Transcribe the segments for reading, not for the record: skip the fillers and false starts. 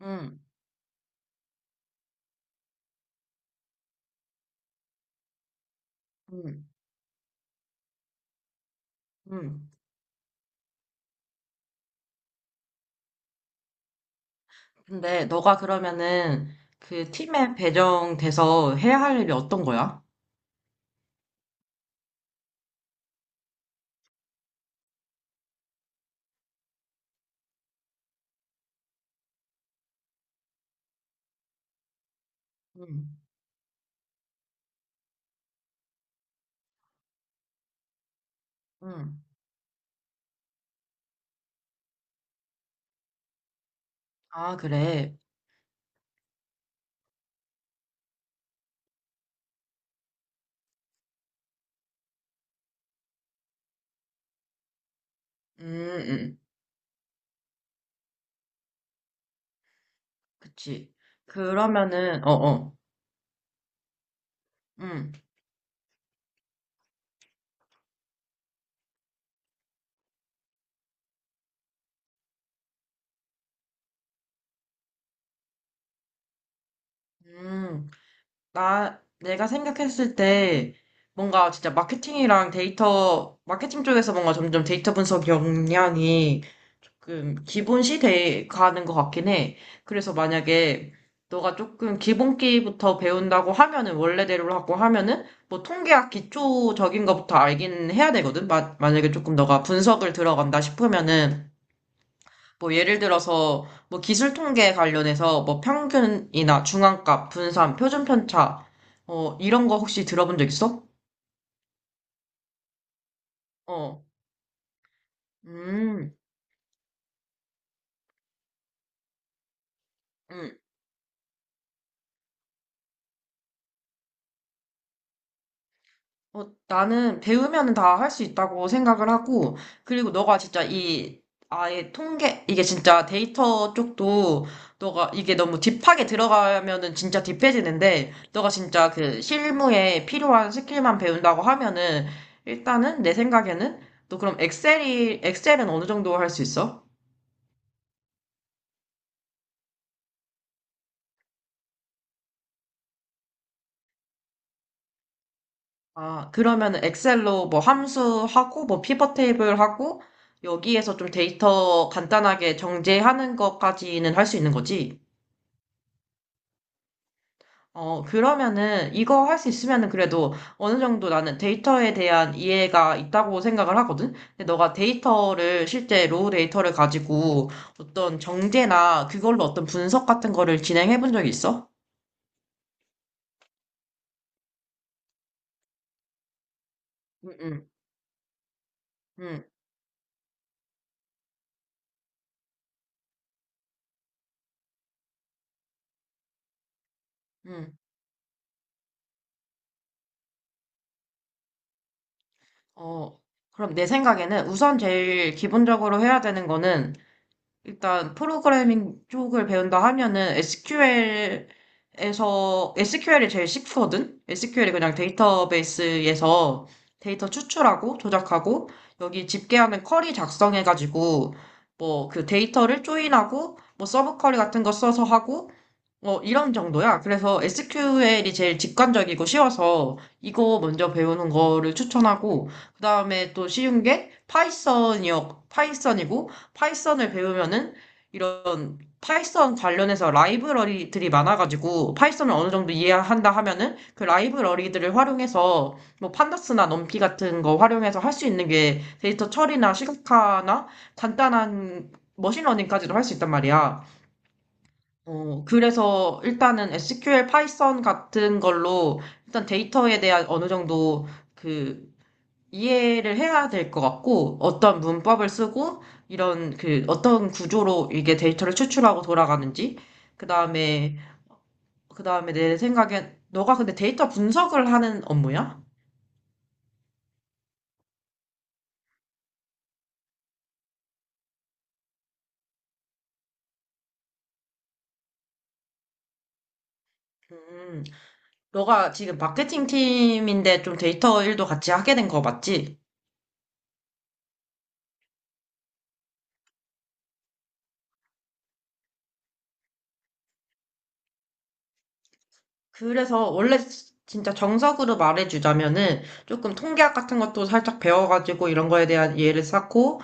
음, 음, 음. 근데 너가 그러면은 그 팀에 배정돼서 해야 할 일이 어떤 거야? 음, 음. 아, 그래. 음, 음. 그치. 그러면은, 어, 어. 음, 음. 내가 생각했을 때 뭔가 진짜 마케팅이랑 데이터, 마케팅 쪽에서 뭔가 점점 데이터 분석 역량이 조금 기본시 돼 가는 것 같긴 해. 그래서 만약에 너가 조금 기본기부터 배운다고 하면은, 원래대로 하고 하면은, 뭐 통계학 기초적인 것부터 알긴 해야 되거든? 만약에 조금 너가 분석을 들어간다 싶으면은, 뭐 예를 들어서 뭐 기술 통계 관련해서 뭐 평균이나 중앙값, 분산, 표준 편차 이런 거 혹시 들어본 적 있어? 어. 음. 음. 나는 배우면 다 할 수 있다고 생각을 하고, 그리고 너가 진짜 이, 아예 통계, 이게 진짜 데이터 쪽도, 너가 이게 너무 딥하게 들어가면은 진짜 딥해지는데, 너가 진짜 그 실무에 필요한 스킬만 배운다고 하면은, 일단은 내 생각에는, 너 그럼 엑셀은 어느 정도 할 수 있어? 아, 그러면은 엑셀로 뭐 함수하고, 뭐 피벗 테이블 하고, 여기에서 좀 데이터 간단하게 정제하는 것까지는 할 수 있는 거지? 그러면은 이거 할 수 있으면은 그래도 어느 정도 나는 데이터에 대한 이해가 있다고 생각을 하거든? 근데 너가 데이터를 실제 로우 데이터를 가지고 어떤 정제나 그걸로 어떤 분석 같은 거를 진행해 본 적이 있어? 응, 응, 응, 응. 어, 그럼 내 생각에는 우선 제일 기본적으로 해야 되는 거는 일단 프로그래밍 쪽을 배운다 하면은 SQL에서 SQL이 제일 쉽거든. SQL이 그냥 데이터베이스에서 데이터 추출하고 조작하고 여기 집계하는 쿼리 작성해가지고 뭐 그 데이터를 조인하고 뭐 서브 쿼리 같은 거 써서 하고 뭐 이런 정도야. 그래서 SQL이 제일 직관적이고 쉬워서 이거 먼저 배우는 거를 추천하고 그다음에 또 쉬운 게 파이썬이요. 파이썬이고 파이썬을 배우면은 이런 파이썬 관련해서 라이브러리들이 많아가지고 파이썬을 어느 정도 이해한다 하면은 그 라이브러리들을 활용해서 뭐 판다스나 넘피 같은 거 활용해서 할 수 있는 게 데이터 처리나 시각화나 간단한 머신러닝까지도 할 수 있단 말이야. 그래서 일단은 SQL 파이썬 같은 걸로 일단 데이터에 대한 어느 정도 그 이해를 해야 될 것 같고, 어떤 문법을 쓰고, 이런 그, 어떤 구조로 이게 데이터를 추출하고 돌아가는지, 그 다음에, 그 다음에 내 생각엔, 너가 근데 데이터 분석을 하는 업무야? 음, 너가 지금 마케팅 팀인데 좀 데이터 일도 같이 하게 된 거 맞지? 그래서 원래 진짜 정석으로 말해주자면은 조금 통계학 같은 것도 살짝 배워가지고 이런 거에 대한 이해를 쌓고,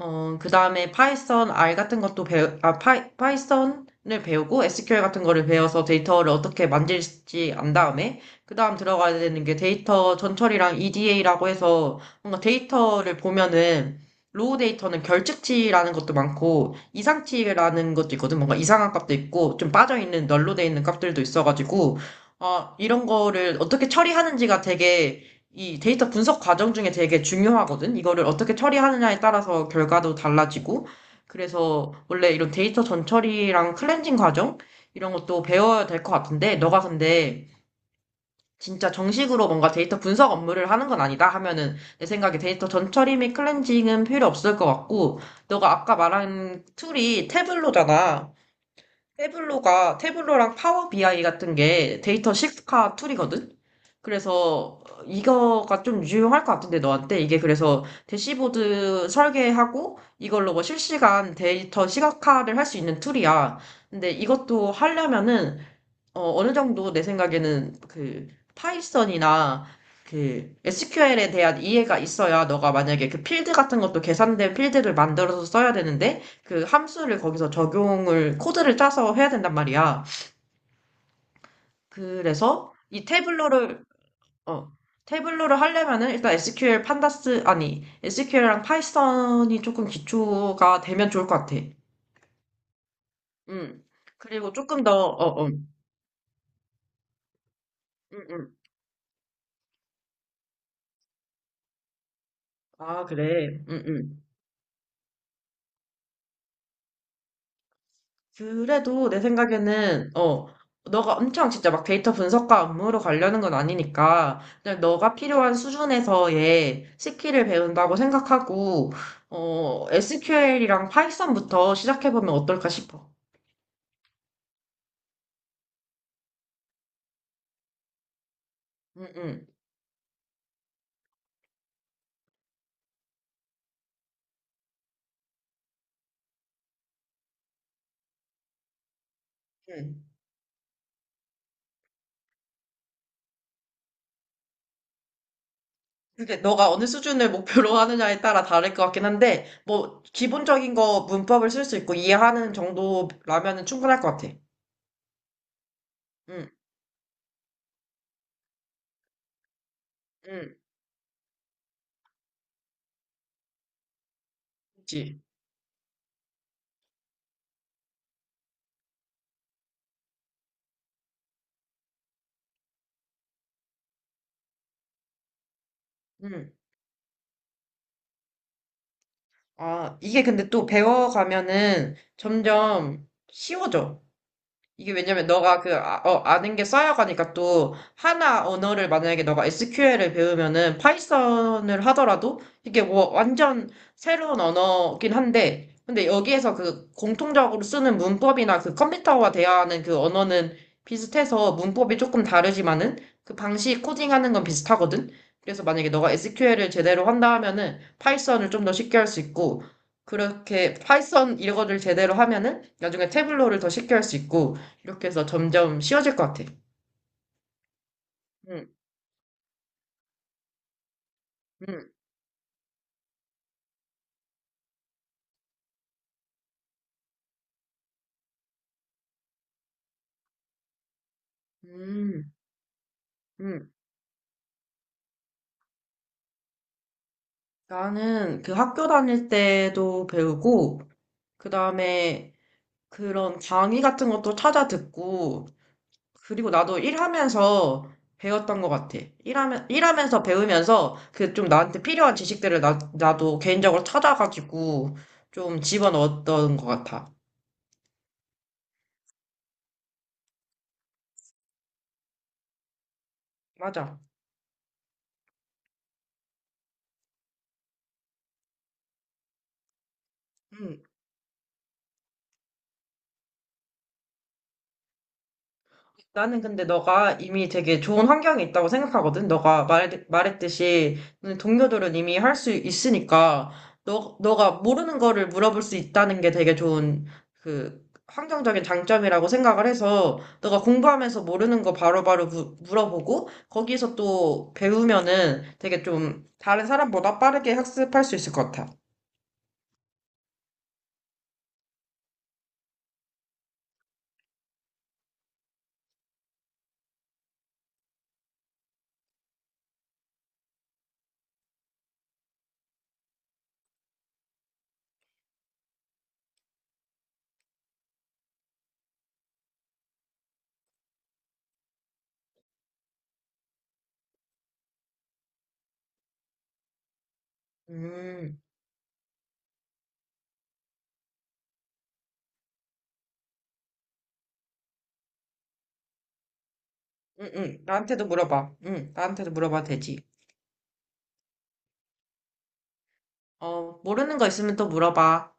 그다음에 파이썬 R 같은 것도 파이썬을 배우고 SQL 같은 거를 배워서 데이터를 어떻게 만질지 안 다음에 그다음 들어가야 되는 게 데이터 전처리랑 EDA라고 해서 뭔가 데이터를 보면은 로우 데이터는 결측치라는 것도 많고 이상치라는 것도 있거든. 뭔가 이상한 값도 있고 좀 빠져 있는 널로 돼 있는 값들도 있어가지고 이런 거를 어떻게 처리하는지가 되게 이 데이터 분석 과정 중에 되게 중요하거든. 이거를 어떻게 처리하느냐에 따라서 결과도 달라지고. 그래서 원래 이런 데이터 전처리랑 클렌징 과정 이런 것도 배워야 될 것 같은데, 너가 근데 진짜 정식으로 뭔가 데이터 분석 업무를 하는 건 아니다 하면은 내 생각에 데이터 전처리 및 클렌징은 필요 없을 것 같고, 너가 아까 말한 툴이 태블로잖아. 태블로가 태블로랑 파워 BI 같은 게 데이터 시카 툴이거든. 그래서 이거가 좀 유용할 것 같은데 너한테 이게 그래서 대시보드 설계하고 이걸로 뭐 실시간 데이터 시각화를 할 수 있는 툴이야. 근데 이것도 하려면은 어느 정도 내 생각에는 그 파이썬이나 그 SQL에 대한 이해가 있어야 너가 만약에 그 필드 같은 것도 계산된 필드를 만들어서 써야 되는데 그 함수를 거기서 적용을 코드를 짜서 해야 된단 말이야. 그래서 어, 태블러를 하려면은 일단 SQL 판다스 아니 SQL랑 파이썬이 조금 기초가 되면 좋을 것 같아. 음. 그리고 조금 더 어, 어. 음. 아, 그래. 그래도 내 생각에는, 너가 엄청 진짜 막 데이터 분석과 업무로 가려는 건 아니니까, 그냥 너가 필요한 수준에서의 스킬을 배운다고 생각하고, SQL이랑 파이썬부터 시작해보면 어떨까 싶어. 응, 응, 응. 그게 너가 어느 수준을 목표로 하느냐에 따라 다를 것 같긴 한데, 뭐, 기본적인 거 문법을 쓸 수 있고 이해하는 정도라면은 충분할 것 같아. 응, 응, 그치. 응. 아, 이게 근데 또 배워가면은 점점 쉬워져. 이게 왜냐면 너가 아는 게 쌓여가니까 또 하나 언어를 만약에 너가 SQL을 배우면은 파이썬을 하더라도 이게 뭐 완전 새로운 언어긴 한데 근데 여기에서 그 공통적으로 쓰는 문법이나 그 컴퓨터와 대화하는 그 언어는 비슷해서 문법이 조금 다르지만은 그 방식 코딩하는 건 비슷하거든. 그래서 만약에 너가 SQL을 제대로 한다 하면은 파이썬을 좀 더 쉽게 할 수 있고 그렇게 파이썬 이거를 제대로 하면은 나중에 태블로를 더 쉽게 할 수 있고 이렇게 해서 점점 쉬워질 것 같아. 응, 응, 응, 응. 나는 그 학교 다닐 때도 배우고, 그 다음에 그런 강의 같은 것도 찾아 듣고, 그리고 나도 일하면서 배웠던 것 같아. 일하면서 배우면서 그 좀 나한테 필요한 지식들을 나도 개인적으로 찾아가지고 좀 집어넣었던 것 같아. 맞아. 응. 나는 근데 너가 이미 되게 좋은 환경이 있다고 생각하거든. 너가 말했듯이 동료들은 이미 할 수 있으니까 너가 모르는 거를 물어볼 수 있다는 게 되게 좋은 그 환경적인 장점이라고 생각을 해서 너가 공부하면서 모르는 거 바로바로 물어보고 거기서 또 배우면은 되게 좀 다른 사람보다 빠르게 학습할 수 있을 것 같아. 음, 응, 응. 나한테도 물어봐. 응, 나한테도 물어봐도 되지. 모르는 거 있으면 또 물어봐.